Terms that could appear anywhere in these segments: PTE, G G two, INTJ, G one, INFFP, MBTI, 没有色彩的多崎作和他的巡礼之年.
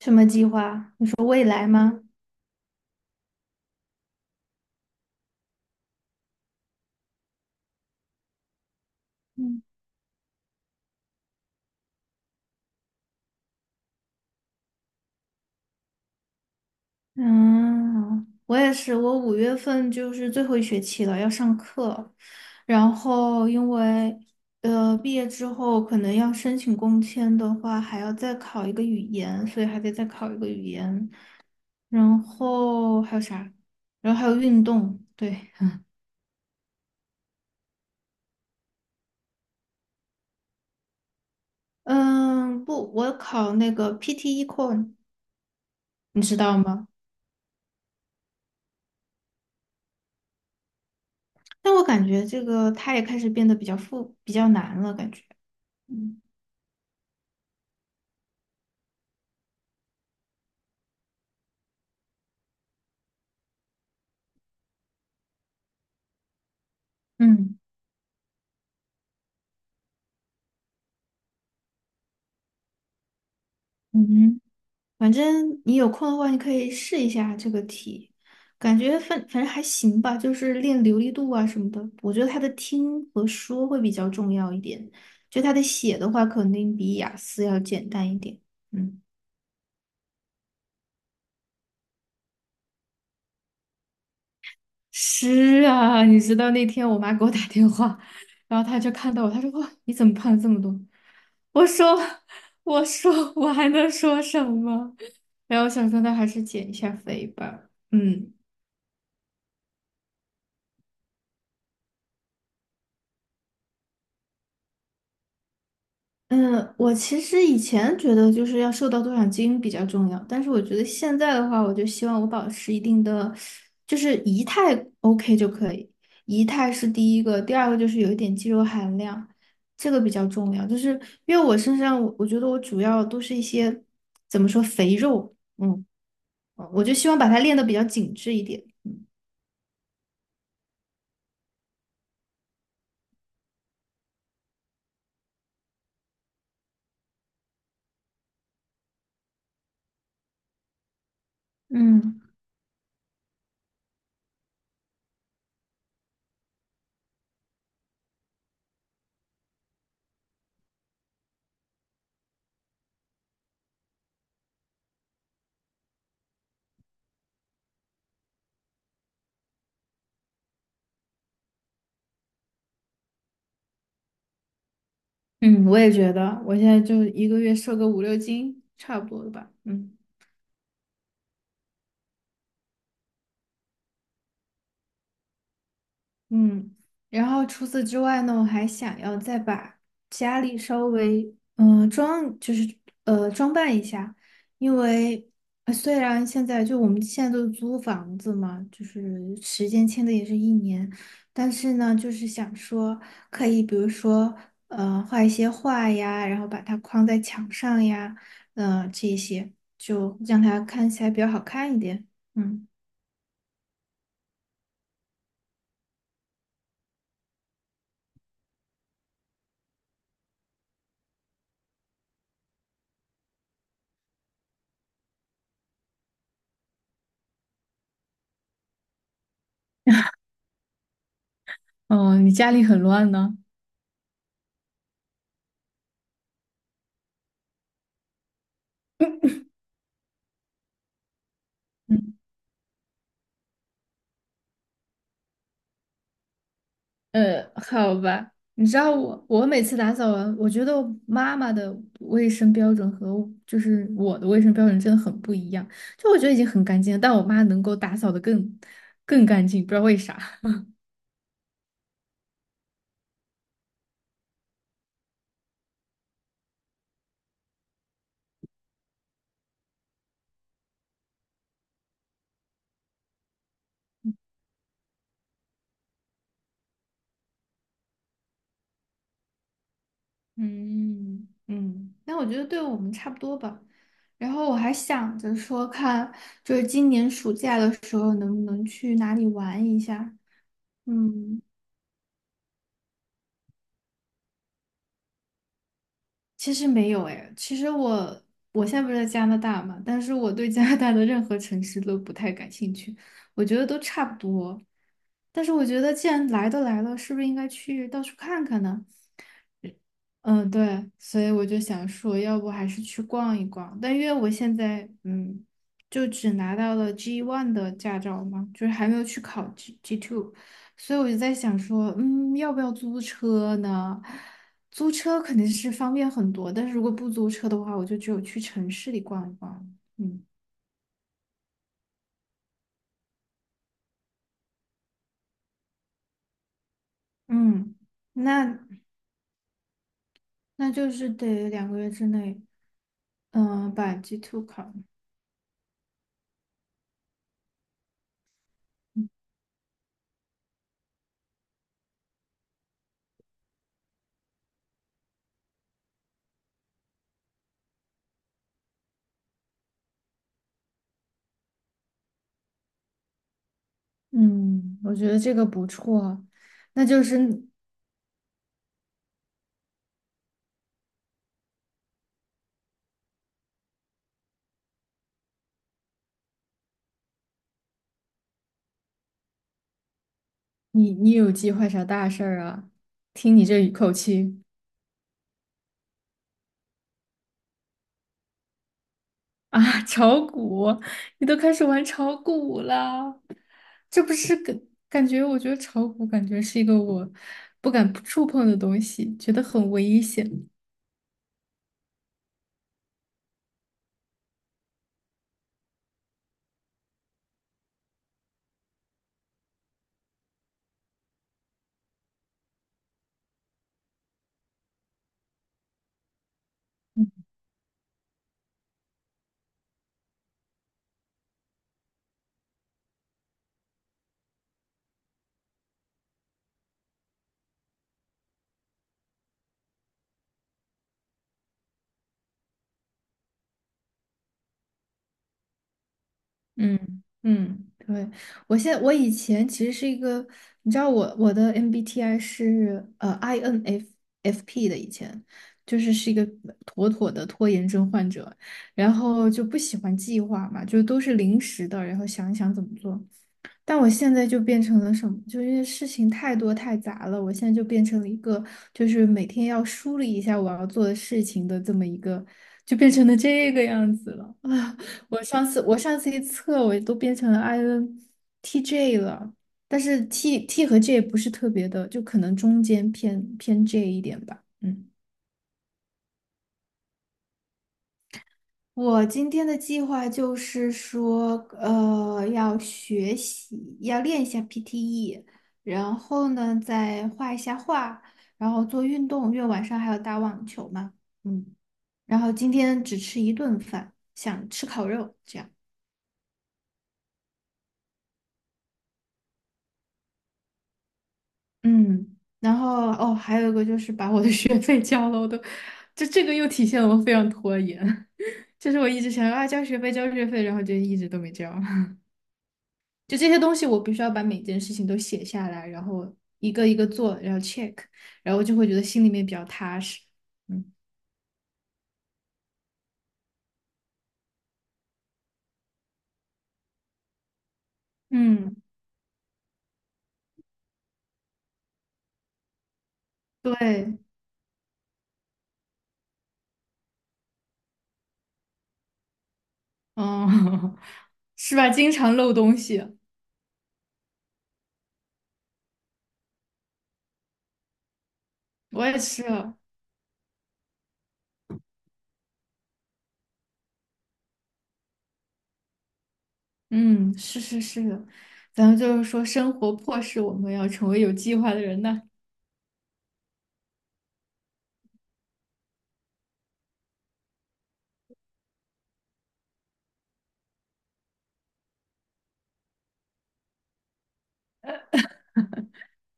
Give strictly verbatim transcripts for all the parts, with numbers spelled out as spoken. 什么计划？你说未来吗？嗯，嗯，我也是。我五月份就是最后一学期了，要上课。然后因为呃毕业之后可能要申请工签的话，还要再考一个语言，所以还得再考一个语言。然后还有啥？然后还有运动，对。嗯，不，我考那个 P T e c o r e Core，你知道吗？但我感觉这个它也开始变得比较复比较难了，感觉。嗯。嗯嗯，反正你有空的话，你可以试一下这个题。感觉反反正还行吧，就是练流利度啊什么的。我觉得他的听和说会比较重要一点，就他的写的话，肯定比雅思要简单一点。嗯，是啊。你知道那天我妈给我打电话，然后她就看到我，她说："哇，你怎么胖了这么多？"我说："我说我还能说什么？" 然后想说那还是减一下肥吧。嗯。嗯，我其实以前觉得就是要瘦到多少斤比较重要，但是我觉得现在的话，我就希望我保持一定的，就是仪态 OK 就可以。仪态是第一个，第二个就是有一点肌肉含量，这个比较重要。就是因为我身上，我我觉得我主要都是一些怎么说肥肉。嗯，我就希望把它练得比较紧致一点。嗯嗯。嗯我也觉得，我现在就一个月瘦个五六斤，差不多了吧？嗯。嗯，然后除此之外呢，我还想要再把家里稍微嗯、呃装，就是呃装扮一下。因为呃虽然现在就我们现在都是租房子嘛，就是时间签的也是一年，但是呢，就是想说可以。比如说呃画一些画呀，然后把它框在墙上呀，嗯、呃、这一些就让它看起来比较好看一点。嗯。哦，你家里很乱呢。嗯呃，好吧。你知道我，我每次打扫完，我觉得我妈妈的卫生标准和我就是我的卫生标准真的很不一样。就我觉得已经很干净了，但我妈能够打扫的更更干净，不知道为啥。嗯嗯，那我觉得对我们差不多吧。然后我还想着说看，就是今年暑假的时候能不能去哪里玩一下。嗯，其实没有哎。其实我我现在不是在加拿大嘛，但是我对加拿大的任何城市都不太感兴趣，我觉得都差不多。但是我觉得既然来都来了，是不是应该去到处看看呢？嗯，对。所以我就想说，要不还是去逛一逛。但因为我现在，嗯，就只拿到了 G one 的驾照嘛，就是还没有去考 G G two。所以我就在想说，嗯，要不要租车呢？租车肯定是方便很多，但是如果不租车的话，我就只有去城市里逛一逛。嗯嗯，那那就是得两个月之内，嗯，把 G two 考了。嗯，我觉得这个不错。那就是你你有计划啥大事儿啊？听你这一口气啊。炒股，你都开始玩炒股了，这不是感感觉？我觉得炒股感觉是一个我不敢触碰的东西，觉得很危险。嗯嗯，对。我现我以前其实是一个，你知道我我的 M B T I 是呃 I N F F P 的。以前就是是一个妥妥的拖延症患者，然后就不喜欢计划嘛，就都是临时的，然后想一想怎么做。但我现在就变成了什么？就因为事情太多太杂了，我现在就变成了一个，就是每天要梳理一下我要做的事情的这么一个，就变成了这个样子了。啊，我上次我上次一测，我都变成了 I N T J 了，但是 T T 和 J 不是特别的，就可能中间偏偏 J 一点吧。嗯。我今天的计划就是说，呃，要学习，要练一下 P T E，然后呢，再画一下画，然后做运动，因为晚上还要打网球嘛。嗯，然后今天只吃一顿饭，想吃烤肉，这样。嗯，然后哦，还有一个就是把我的 学费交了，我都，这这个又体现了我非常拖延。就是我一直想要啊交学费交学费，然后就一直都没交。就这些东西，我必须要把每件事情都写下来，然后一个一个做，然后 check，然后就会觉得心里面比较踏实。嗯嗯，对。嗯，是吧？经常漏东西。我也是。嗯，是是是的。咱们就是说，生活迫使我们要成为有计划的人呐。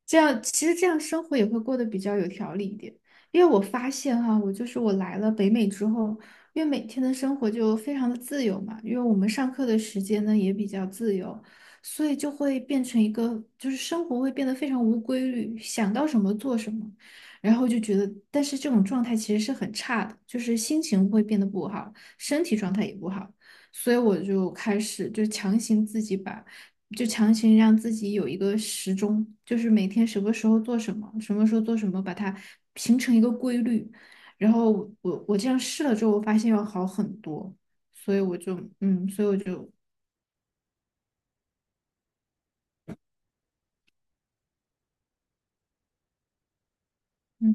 这样其实这样生活也会过得比较有条理一点。因为我发现哈、我就是我来了北美之后，因为每天的生活就非常的自由嘛，因为我们上课的时间呢也比较自由，所以就会变成一个就是生活会变得非常无规律，想到什么做什么，然后就觉得，但是这种状态其实是很差的，就是心情会变得不好，身体状态也不好，所以我就开始就强行自己把。就强行让自己有一个时钟，就是每天什么时候做什么，什么时候做什么，把它形成一个规律。然后我我我这样试了之后，我发现要好很多。所以我就嗯，所以我就嗯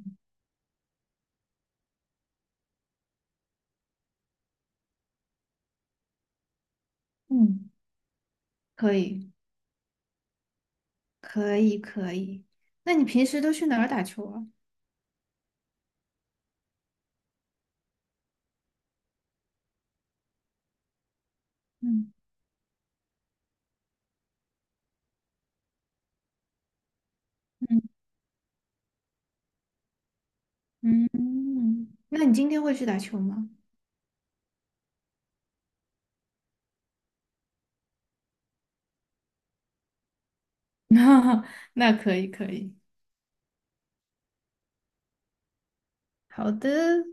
嗯，可以可以可以。那你平时都去哪儿打球啊？嗯嗯嗯，那你今天会去打球吗？那那可以可以。好的。